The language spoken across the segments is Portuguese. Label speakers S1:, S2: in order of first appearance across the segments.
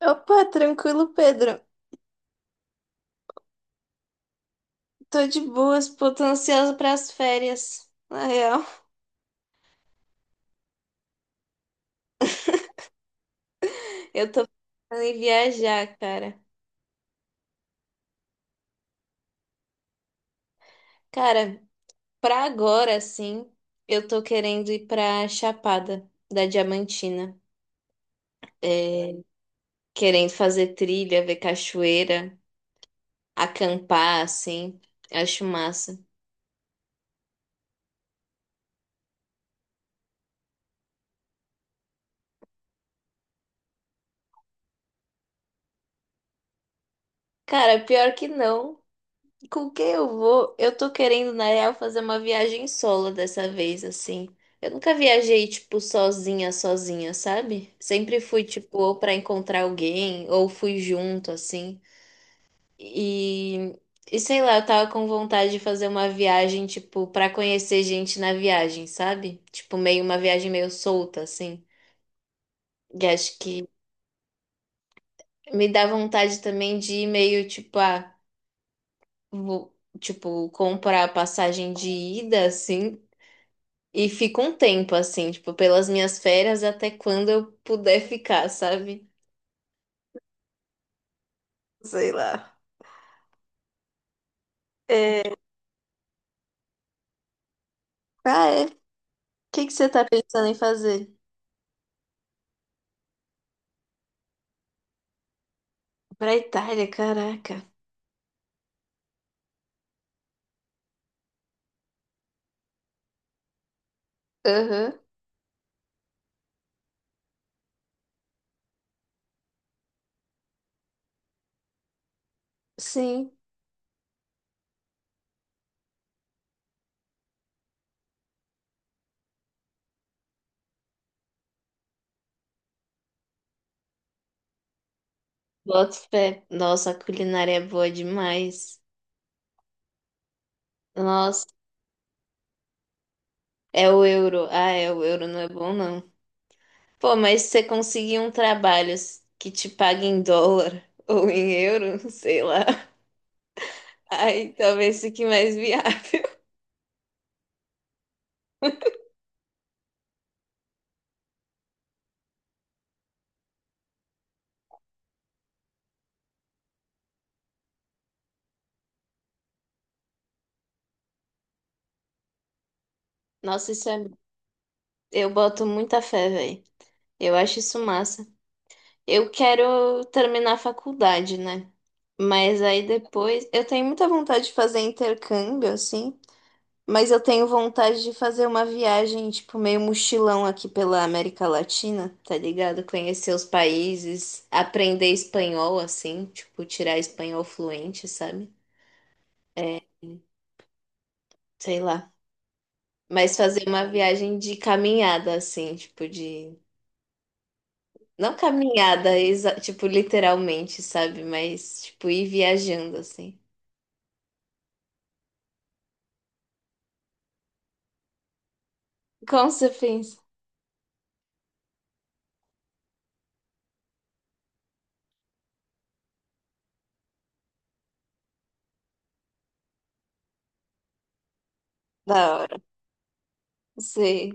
S1: Opa, tranquilo, Pedro. Tô de boas, pô, tô ansiosa pras férias. Na real, eu tô pensando em viajar, cara. Cara, pra agora, sim, eu tô querendo ir pra Chapada da Diamantina. Querendo fazer trilha, ver cachoeira, acampar, assim. Acho massa. Cara, pior que não. Com quem eu vou? Eu tô querendo, na real, fazer uma viagem solo dessa vez, assim. Eu nunca viajei, tipo, sozinha, sozinha, sabe? Sempre fui, tipo, ou pra encontrar alguém, ou fui junto, assim. E, e sei lá, eu tava com vontade de fazer uma viagem, tipo, pra conhecer gente na viagem, sabe? Tipo, meio uma viagem meio solta, assim. E acho que me dá vontade também de ir meio, tipo, ah, vou, tipo, comprar passagem de ida, assim. E fico um tempo assim, tipo, pelas minhas férias até quando eu puder ficar, sabe? Sei lá. É... Ah, é? O que que você tá pensando em fazer? Pra Itália, caraca. Aham, sim. Boto fé. Nossa, a culinária é boa demais. Nossa, é o euro. Ah, é, o euro não é bom, não. Pô, mas se você conseguir um trabalho que te pague em dólar ou em euro, sei lá. Aí talvez fique mais viável. Nossa, isso é. Eu boto muita fé, velho. Eu acho isso massa. Eu quero terminar a faculdade, né? Mas aí depois. Eu tenho muita vontade de fazer intercâmbio, assim. Mas eu tenho vontade de fazer uma viagem, tipo, meio mochilão aqui pela América Latina, tá ligado? Conhecer os países, aprender espanhol, assim. Tipo, tirar espanhol fluente, sabe? Sei lá. Mas fazer uma viagem de caminhada, assim, tipo, de. Não caminhada, tipo, literalmente, sabe? Mas, tipo, ir viajando, assim. Como você pensa? Da hora. Você,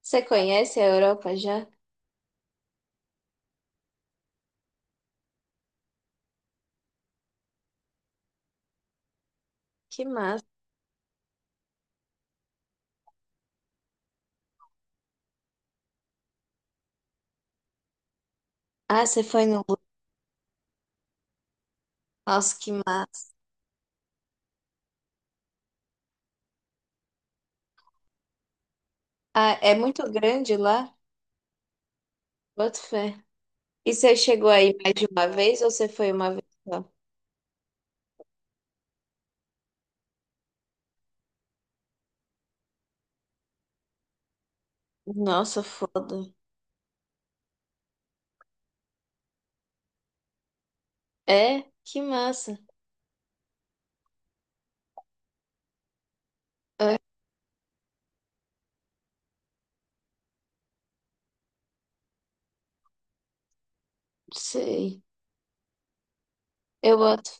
S1: você conhece a Europa já? Que massa. Ah, você foi no... Lu-. Nossa, que massa. Ah, é muito grande lá? Boto fé. E você chegou aí mais de uma vez ou você foi uma vez só? Nossa, foda. É? Que massa. Ah, sei. Eu boto...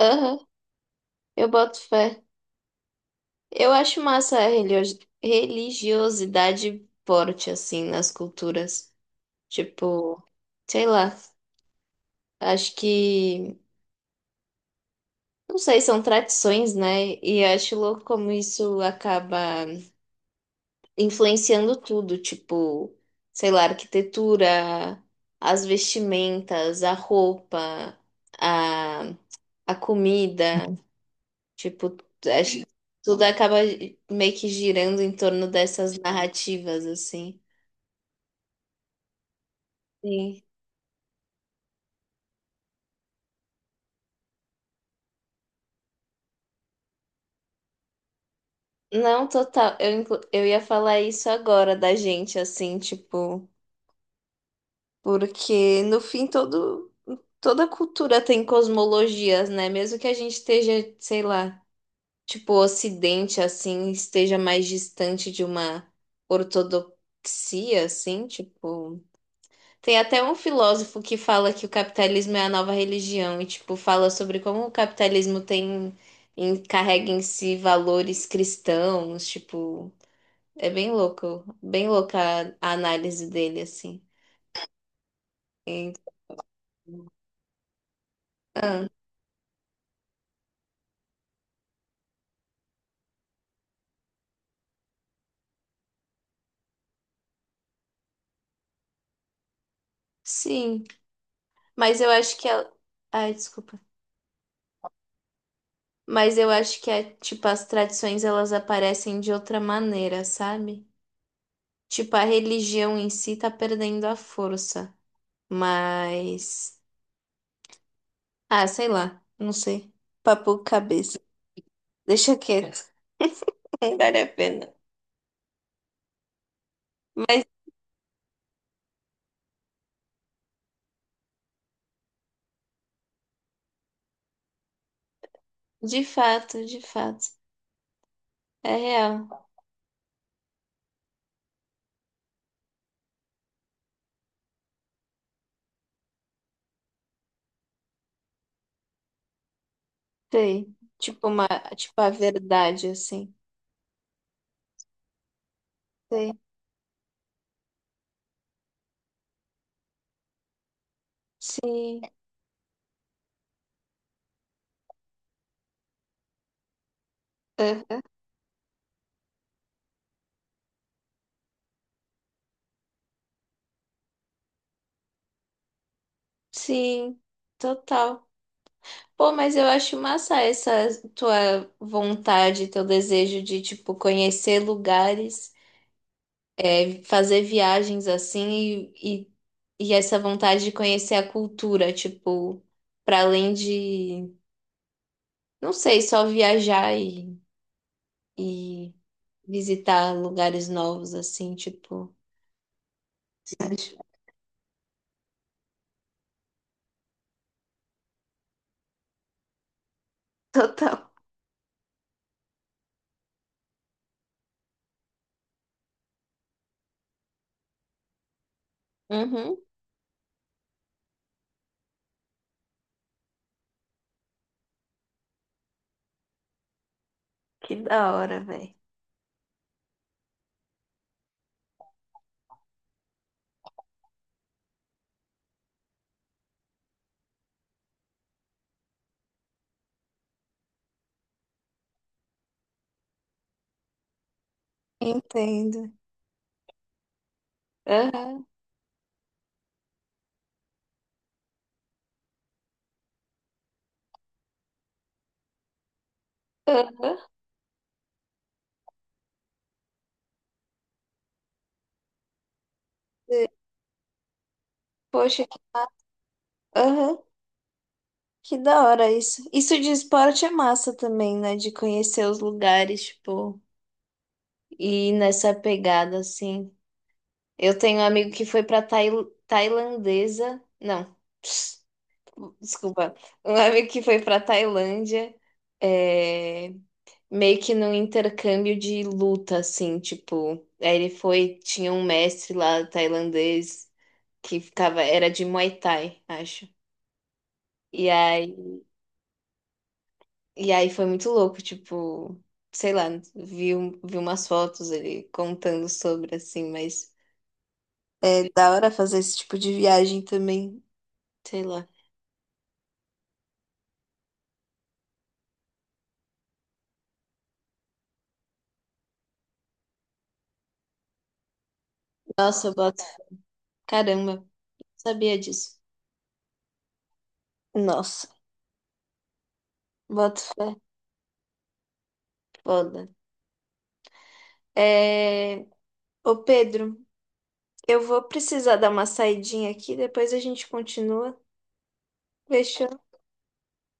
S1: Aham, eu boto fé. Eu acho massa a religiosidade forte, assim, nas culturas. Tipo, sei lá, acho que, não sei, são tradições, né? E acho louco como isso acaba influenciando tudo, tipo, sei lá, a arquitetura, as vestimentas, a roupa, a, a comida, tipo, acho que tudo acaba meio que girando em torno dessas narrativas, assim. Sim. Não, total. Eu, eu ia falar isso agora da gente, assim, tipo, porque no fim todo, toda cultura tem cosmologias, né? Mesmo que a gente esteja, sei lá, tipo, o Ocidente, assim, esteja mais distante de uma ortodoxia, assim, tipo. Tem até um filósofo que fala que o capitalismo é a nova religião e, tipo, fala sobre como o capitalismo tem, carrega em si valores cristãos, tipo. É bem louco, bem louca a análise dele, assim. Então, sim, mas eu acho que ela... Ai, desculpa. Mas eu acho que, é, tipo, as tradições, elas aparecem de outra maneira, sabe? Tipo, a religião em si tá perdendo a força, mas... Ah, sei lá, não sei. Papo cabeça. Deixa quieto, não vale a pena. Mas, de fato, é real. Sei. Tipo, uma... tipo a verdade, assim. Sei. Sim, aham, sim, total. Pô, mas eu acho massa essa tua vontade, teu desejo de, tipo, conhecer lugares, é, fazer viagens assim e essa vontade de conhecer a cultura, tipo, para além de, não sei, só viajar e visitar lugares novos, assim, tipo. Acho-. Total. Uhum. Que da hora, velho. Entendo. Aham, aham. Poxa, aham, que da hora isso. Isso de esporte é massa também, né? De conhecer os lugares, tipo, e ir nessa pegada, assim. Eu tenho um amigo que foi pra tailandesa. Não, desculpa. Um amigo que foi pra Tailândia, é, meio que num intercâmbio de luta, assim, tipo. Aí ele foi, tinha um mestre lá tailandês que ficava, era de Muay Thai, acho. E aí. E aí foi muito louco, tipo, sei lá, vi umas fotos ele contando sobre, assim, mas é da hora fazer esse tipo de viagem também, sei lá. Nossa, eu boto. Caramba, não sabia disso. Nossa, boto fé, foda. É... Ô Pedro, eu vou precisar dar uma saidinha aqui, depois a gente continua. Fechou?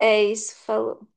S1: É isso, falou.